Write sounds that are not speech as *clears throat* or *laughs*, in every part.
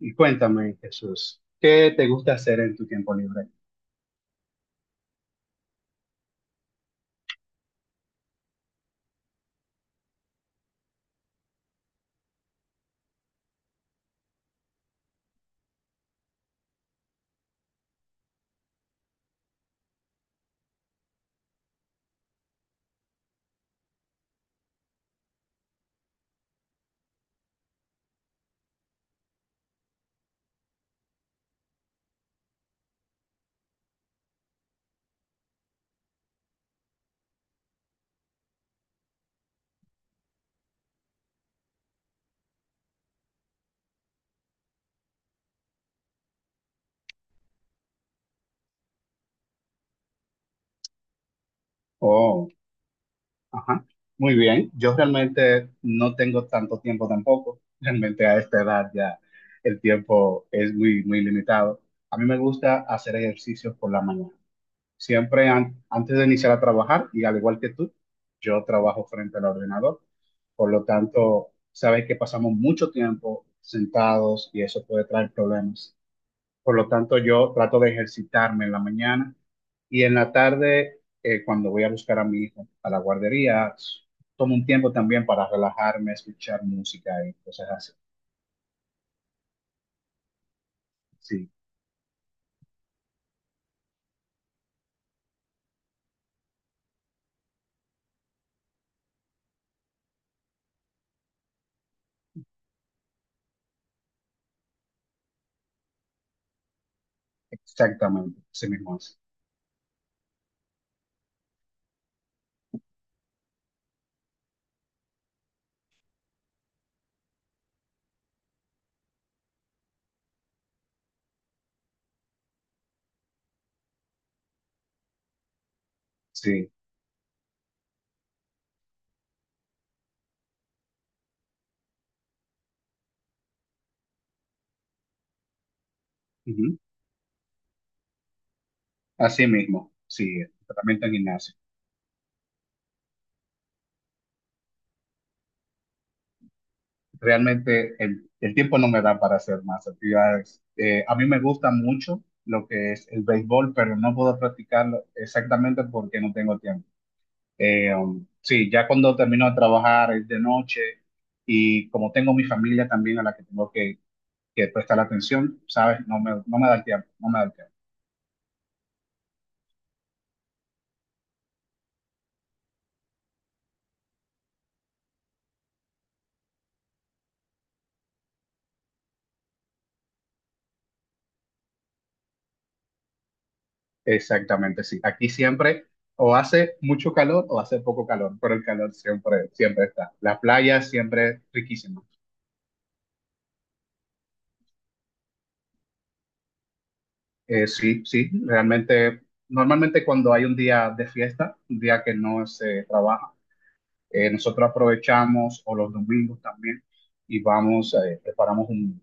Y cuéntame, Jesús, ¿qué te gusta hacer en tu tiempo libre? Oh, ajá. Muy bien. Yo realmente no tengo tanto tiempo tampoco. *laughs* Realmente a esta edad ya el tiempo es muy, muy limitado. A mí me gusta hacer ejercicios por la mañana. Siempre antes de iniciar a trabajar, y al igual que tú, yo trabajo frente al ordenador. Por lo tanto, sabes que pasamos mucho tiempo sentados y eso puede traer problemas. Por lo tanto, yo trato de ejercitarme en la mañana y en la tarde, cuando voy a buscar a mi hijo a la guardería, tomo un tiempo también para relajarme, escuchar música y cosas así. Sí, exactamente, así mismo es. Sí, ujú. Así mismo, sí, tratamiento en gimnasio. Realmente el tiempo no me da para hacer más actividades. A mí me gusta mucho lo que es el béisbol, pero no puedo practicarlo exactamente porque no tengo tiempo. Sí, ya cuando termino de trabajar es de noche y como tengo mi familia también a la que que prestar atención, ¿sabes? No me da el tiempo, no me da el tiempo. Exactamente, sí. Aquí siempre o hace mucho calor o hace poco calor, pero el calor siempre, siempre está. La playa siempre es riquísima. Sí, sí, realmente, normalmente cuando hay un día de fiesta, un día que no se trabaja, nosotros aprovechamos, o los domingos también, y vamos, preparamos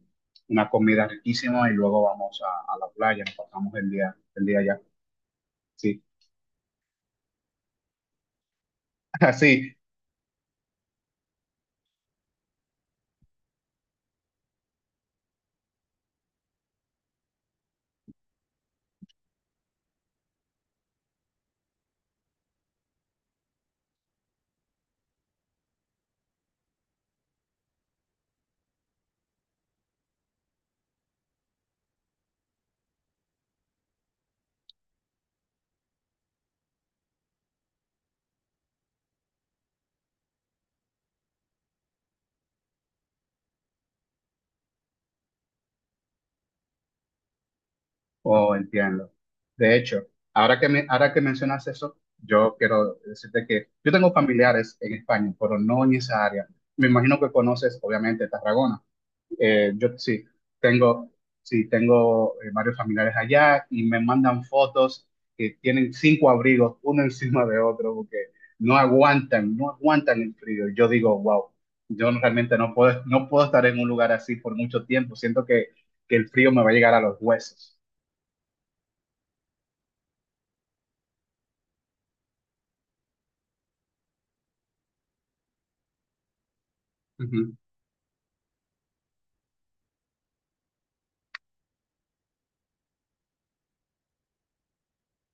una comida riquísima y luego vamos a la playa, nos pasamos el día allá. Sí, *laughs* así, oh, entiendo. De hecho, ahora que mencionas eso, yo quiero decirte que yo tengo familiares en España, pero no en esa área. Me imagino que conoces, obviamente, Tarragona. Eh, yo sí, tengo, sí, tengo varios familiares allá y me mandan fotos que tienen cinco abrigos uno encima de otro porque no aguantan, no aguantan el frío. Y yo digo, wow, yo no- realmente no puedo, no puedo estar en un lugar así por mucho tiempo. Que el frío me va a llegar a los huesos. Ujú,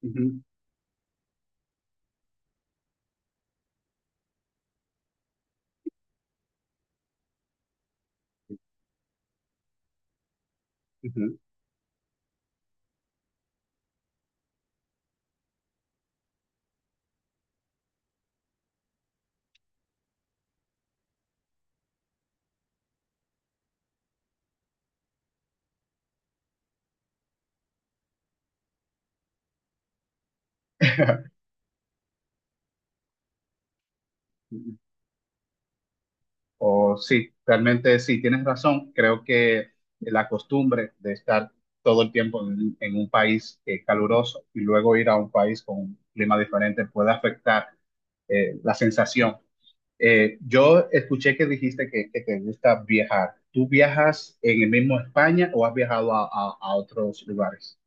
ujú, ujú. *laughs* O sí, realmente sí, tienes razón. Creo que la costumbre de estar todo el tiempo en un país caluroso y luego ir a un país con un clima diferente puede afectar la sensación. Yo escuché que dijiste que te gusta viajar. ¿Tú viajas en el mismo España o has viajado a, a otros lugares?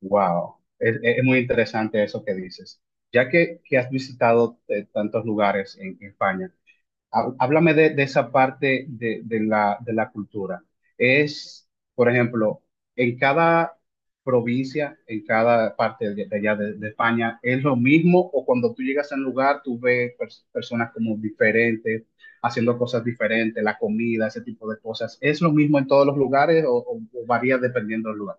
Wow, es muy interesante eso que dices. Ya que has visitado tantos lugares en España. Háblame de esa parte de la cultura. Es, por ejemplo, en cada provincia, en cada parte de allá de España, ¿es lo mismo o cuando tú llegas a un lugar tú ves personas como diferentes, haciendo cosas diferentes, la comida, ese tipo de cosas? ¿Es lo mismo en todos los lugares o, o varía dependiendo del lugar?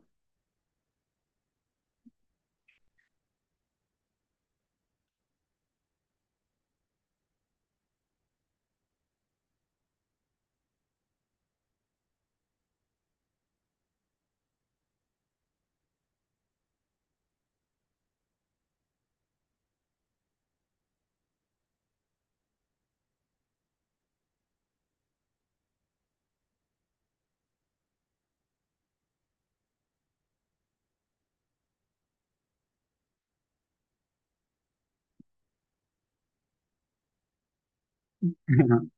Ujú.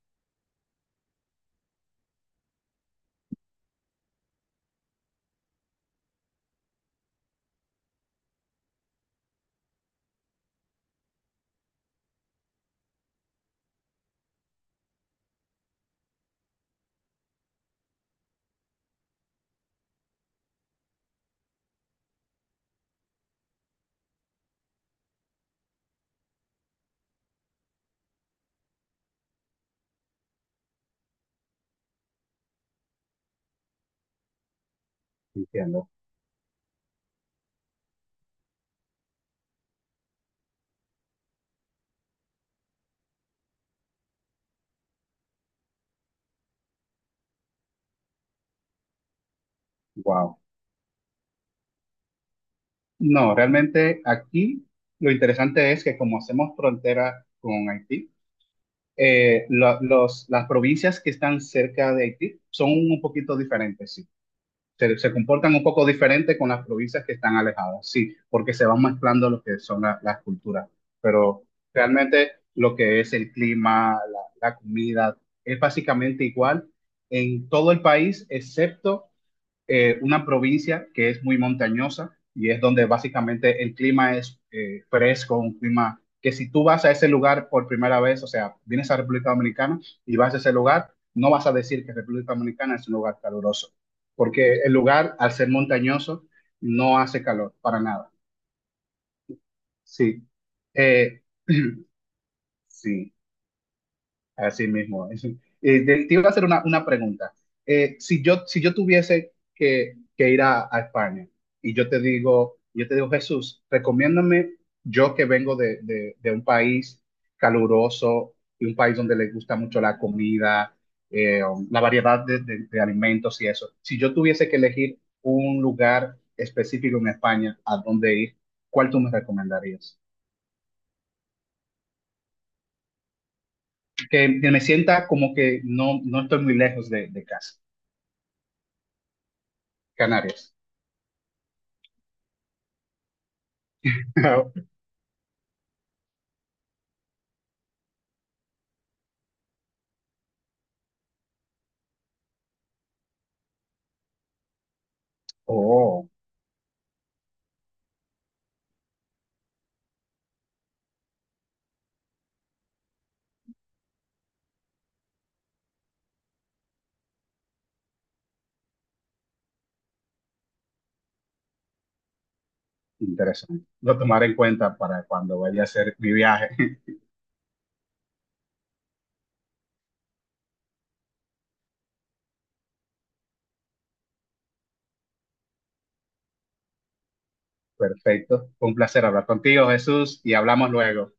Entiendo. Wow. No, realmente aquí lo interesante es que como hacemos frontera con Haití, los, las provincias que están cerca de Haití son un poquito diferentes, sí. Se comportan un poco diferente con las provincias que están alejadas, sí, porque se van mezclando lo que son las culturas. Pero realmente lo que es el clima, la comida, es básicamente igual en todo el país, excepto una provincia que es muy montañosa y es donde básicamente el clima es fresco, un clima que si tú vas a ese lugar por primera vez, o sea, vienes a República Dominicana y vas a ese lugar, no vas a decir que República Dominicana es un lugar caluroso, porque el lugar, al ser montañoso, no hace calor para nada. Sí. Eh, *clears throat* sí. Así mismo es. Te iba a hacer una pregunta. Si yo tuviese que ir a España y yo te digo, Jesús, recomiéndame yo que vengo de, de un país caluroso y un país donde le gusta mucho la comida, eh, la variedad de, de alimentos y eso. Si yo tuviese que elegir un lugar específico en España a dónde ir, ¿cuál tú me recomendarías? Que me sienta como que no, no estoy muy lejos de casa. Canarias. *laughs* Oh, interesante. Lo tomaré en cuenta para cuando vaya a hacer mi viaje. *laughs* Perfecto. Un placer hablar contigo, Jesús, y hablamos luego.